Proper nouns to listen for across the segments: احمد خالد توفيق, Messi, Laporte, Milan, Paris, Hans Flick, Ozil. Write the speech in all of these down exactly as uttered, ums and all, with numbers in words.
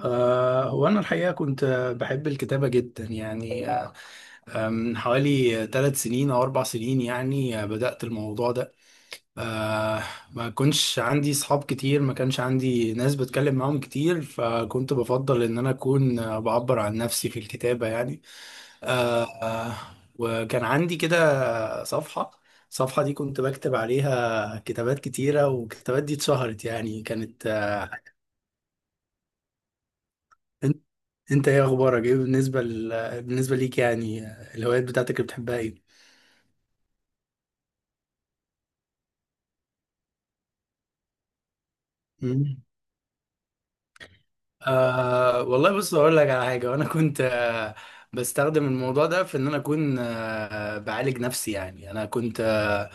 آه، هو أنا الحقيقة كنت آه، بحب الكتابة جدا يعني آه، آه، من حوالي ثلاث سنين أو أربع سنين يعني آه، بدأت الموضوع ده. آه، ما كنتش عندي صحاب كتير، ما كانش عندي ناس بتكلم معاهم كتير، فكنت بفضل إن أنا أكون آه، بعبر عن نفسي في الكتابة يعني. آه، آه، وكان عندي كده صفحة. الصفحة دي كنت بكتب عليها كتابات كتيرة، والكتابات دي اتشهرت، يعني كانت آه، انت ايه اخبارك؟ ايه بالنسبه ل... بالنسبه ليك يعني؟ الهوايات بتاعتك اللي بتحبها ايه؟ مم. أه والله بص، اقول لك على حاجه. وانا كنت أه بستخدم الموضوع ده في ان انا اكون أه بعالج نفسي يعني. انا كنت أه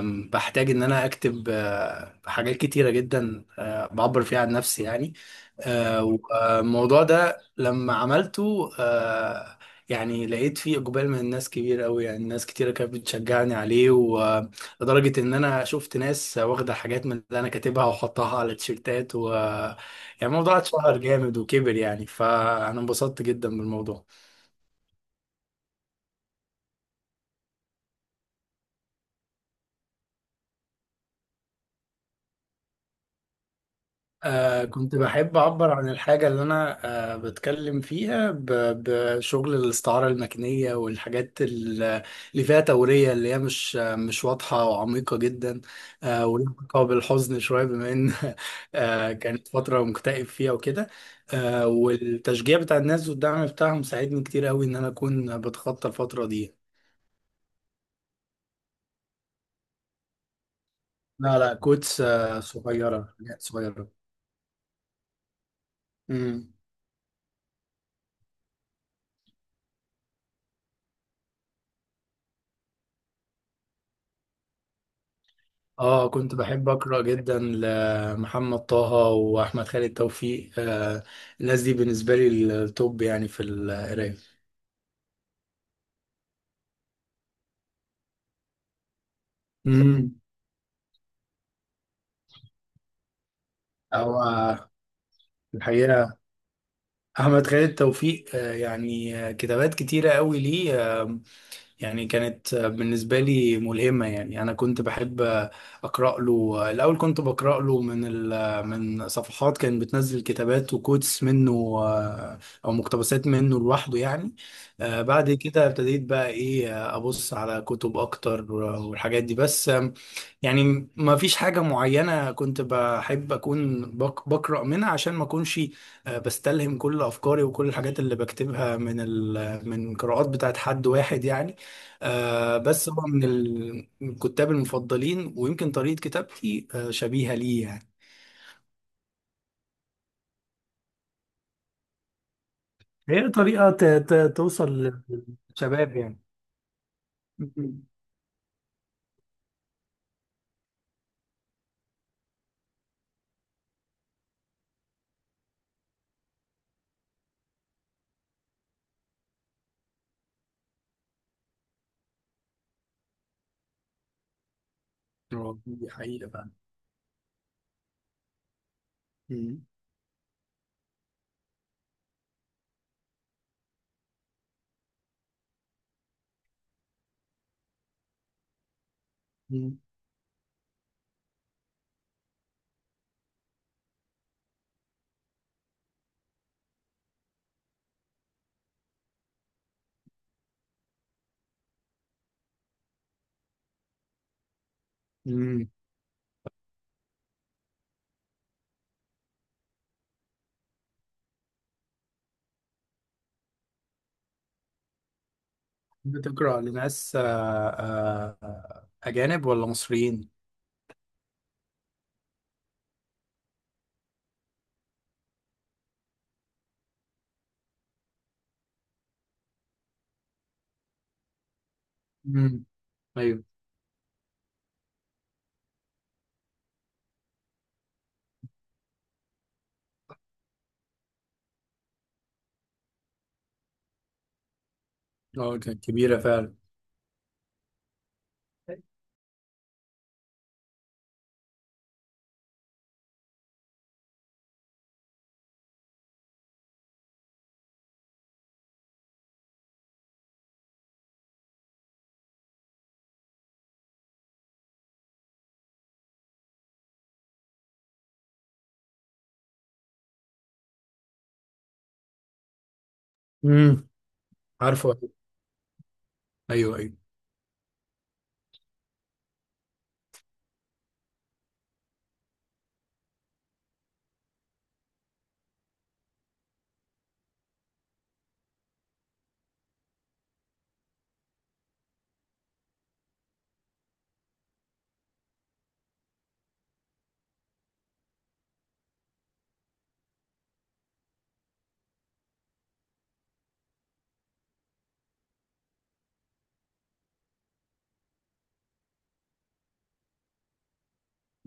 آم، بحتاج ان انا اكتب أه حاجات كتيره جدا، أه بعبر فيها عن نفسي يعني. أه والموضوع ده لما عملته أه يعني لقيت فيه اقبال من الناس كبير قوي، يعني ناس كتيره كانت بتشجعني عليه، ولدرجه ان انا شفت ناس واخده حاجات من اللي انا كاتبها وحطها على تيشيرتات و... يعني الموضوع اتشهر جامد وكبر يعني، فأنا انبسطت جدا بالموضوع. آه كنت بحب أعبر عن الحاجة اللي أنا آه بتكلم فيها، ب- بشغل الاستعارة المكنية، والحاجات ال- اللي فيها تورية، اللي هي مش آه، مش واضحة وعميقة جدا. آه ولها علاقة بالحزن شوية، بما إن آه كانت فترة مكتئب فيها وكده. آه والتشجيع بتاع الناس والدعم بتاعهم ساعدني كتير قوي إن أنا أكون بتخطى الفترة دي. لا، لا، كوتس، آه، صغيرة، حاجات صغيرة. امم. اه، كنت بحب اقرا جدا لمحمد طه واحمد خالد توفيق. آه الناس دي بالنسبه لي التوب يعني في القرايه. امم. هو الحقيقه، احمد خالد توفيق آه يعني آه، كتابات كتيره قوي ليه. آه، يعني كانت بالنسبة لي ملهمة. يعني أنا كنت بحب أقرأ له. الأول كنت بقرأ له من ال... من صفحات كانت بتنزل كتابات وكوتس منه، آه، أو مقتبسات منه لوحده يعني. آه، بعد كده ابتديت بقى إيه، آه، أبص على كتب أكتر والحاجات دي. بس يعني ما فيش حاجة معينة كنت بحب أكون بق- بقرأ منها، عشان ما أكونش آه، بستلهم كل أفكاري وكل الحاجات اللي بكتبها من ال من قراءات بتاعت حد واحد يعني. آه، بس هو من ال- من الكتاب المفضلين، ويمكن طريقة كتابتي آه، شبيهة ليه يعني. هي طريقة ت- ت- توصل للشباب يعني. مم. آه، دي حقيقة بقى. مم. مم. مم. بتقرأ لناس آه، آه، أجانب ولا مصريين؟ ايوه. اه، كانت كبيرة فعلا. امم. عارفه، ايوه، ايوه.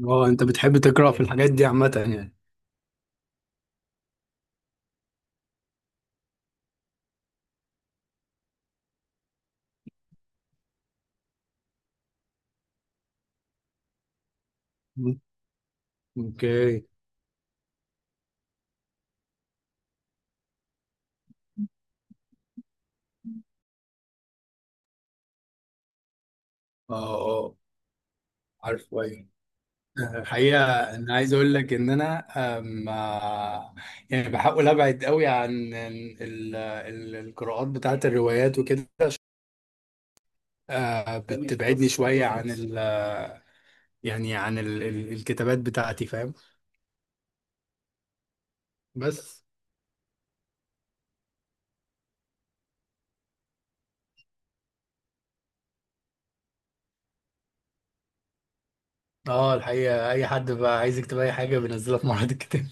اه، انت بتحب تقرا في الحاجات دي عامة يعني. مم. اوكي. اه، اه، عارفه، ايوه. الحقيقة، انا عايز اقول لك ان انا أم، آه، يعني بحاول ابعد قوي عن ال- ال- القراءات بتاعت الروايات وكده. آه، بتبعدني شوية عن ال يعني عن ال ال الكتابات بتاعتي، فاهم؟ بس، اه، الحقيقة أي حد بقى عايز يكتب أي حاجة بينزلها في معرض الكتاب.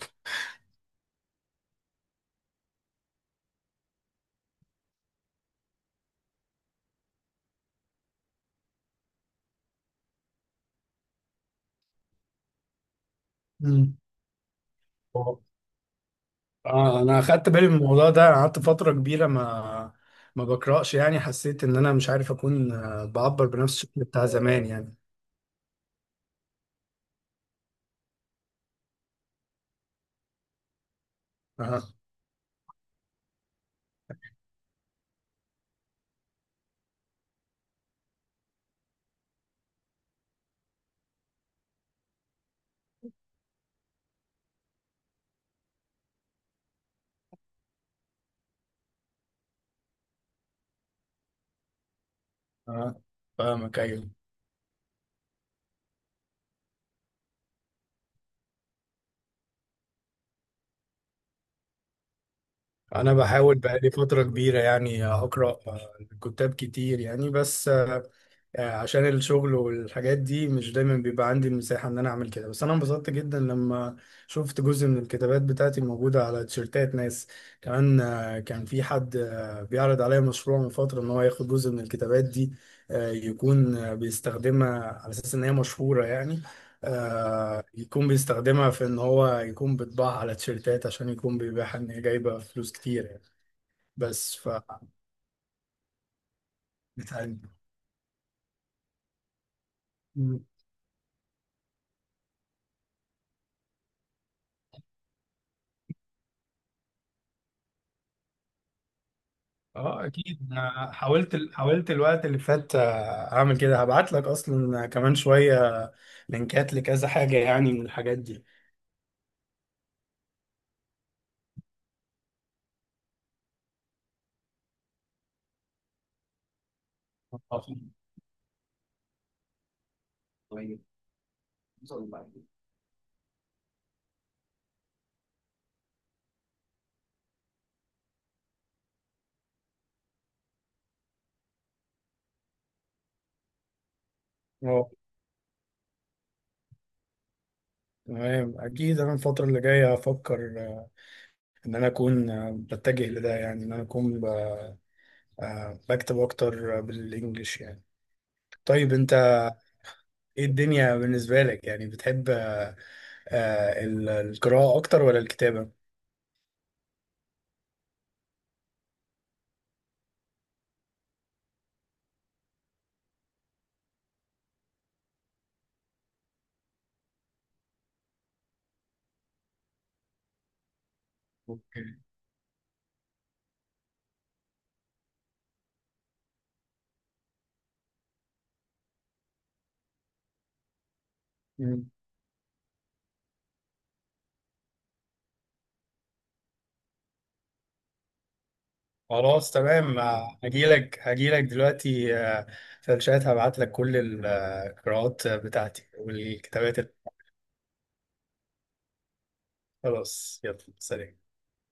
اه، انا اخدت بالي من الموضوع ده. قعدت فتره كبيره ما ما بقراش يعني، حسيت ان انا مش عارف اكون آه، بعبر بنفس الشكل بتاع زمان يعني. اه. اه، فاهمك، ايوه. انا بحاول بقالي فتره كبيره يعني اقرا آه، كتاب كتير يعني، بس آه، آه، عشان الشغل والحاجات دي مش دايما بيبقى عندي المساحه ان انا اعمل كده. بس انا انبسطت جدا لما شفت جزء من الكتابات بتاعتي موجوده على تيشيرتات ناس. كمان آه، كان في حد آه، بيعرض عليا مشروع من فتره، ان هو ياخد جزء من الكتابات دي، آه، يكون آه، بيستخدمها على اساس ان هي مشهوره يعني. آه يكون بيستخدمها في ان هو يكون بيطبعها على تيشيرتات، عشان يكون بيبيعها ان هي جايبه فلوس كتير يعني. بس ف بتهيألي. مم. اه، اكيد انا حاولت حاولت الوقت اللي فات آه، اعمل كده. هبعت لك اصلا كمان شويه لينكات لكذا حاجه، يعني من الحاجات دي. اه، تمام. اكيد انا الفتره اللي جايه هفكر آه، ان انا اكون آه، بتجه لده، يعني ان انا اكون ب- آه، بكتب اكتر آه، بالانجلش يعني. طيب انت، ايه الدنيا بالنسبة لك؟ يعني بتحب آه، آه، ال- القراءة اكتر ولا الكتابة؟ اوكي. مم. خلاص، تمام. آه، هجيلك هجيلك دلوقتي آه، في الشات. هبعت لك كل القراءات بتاعتي والكتابات ال- خلاص، يلا، سلام.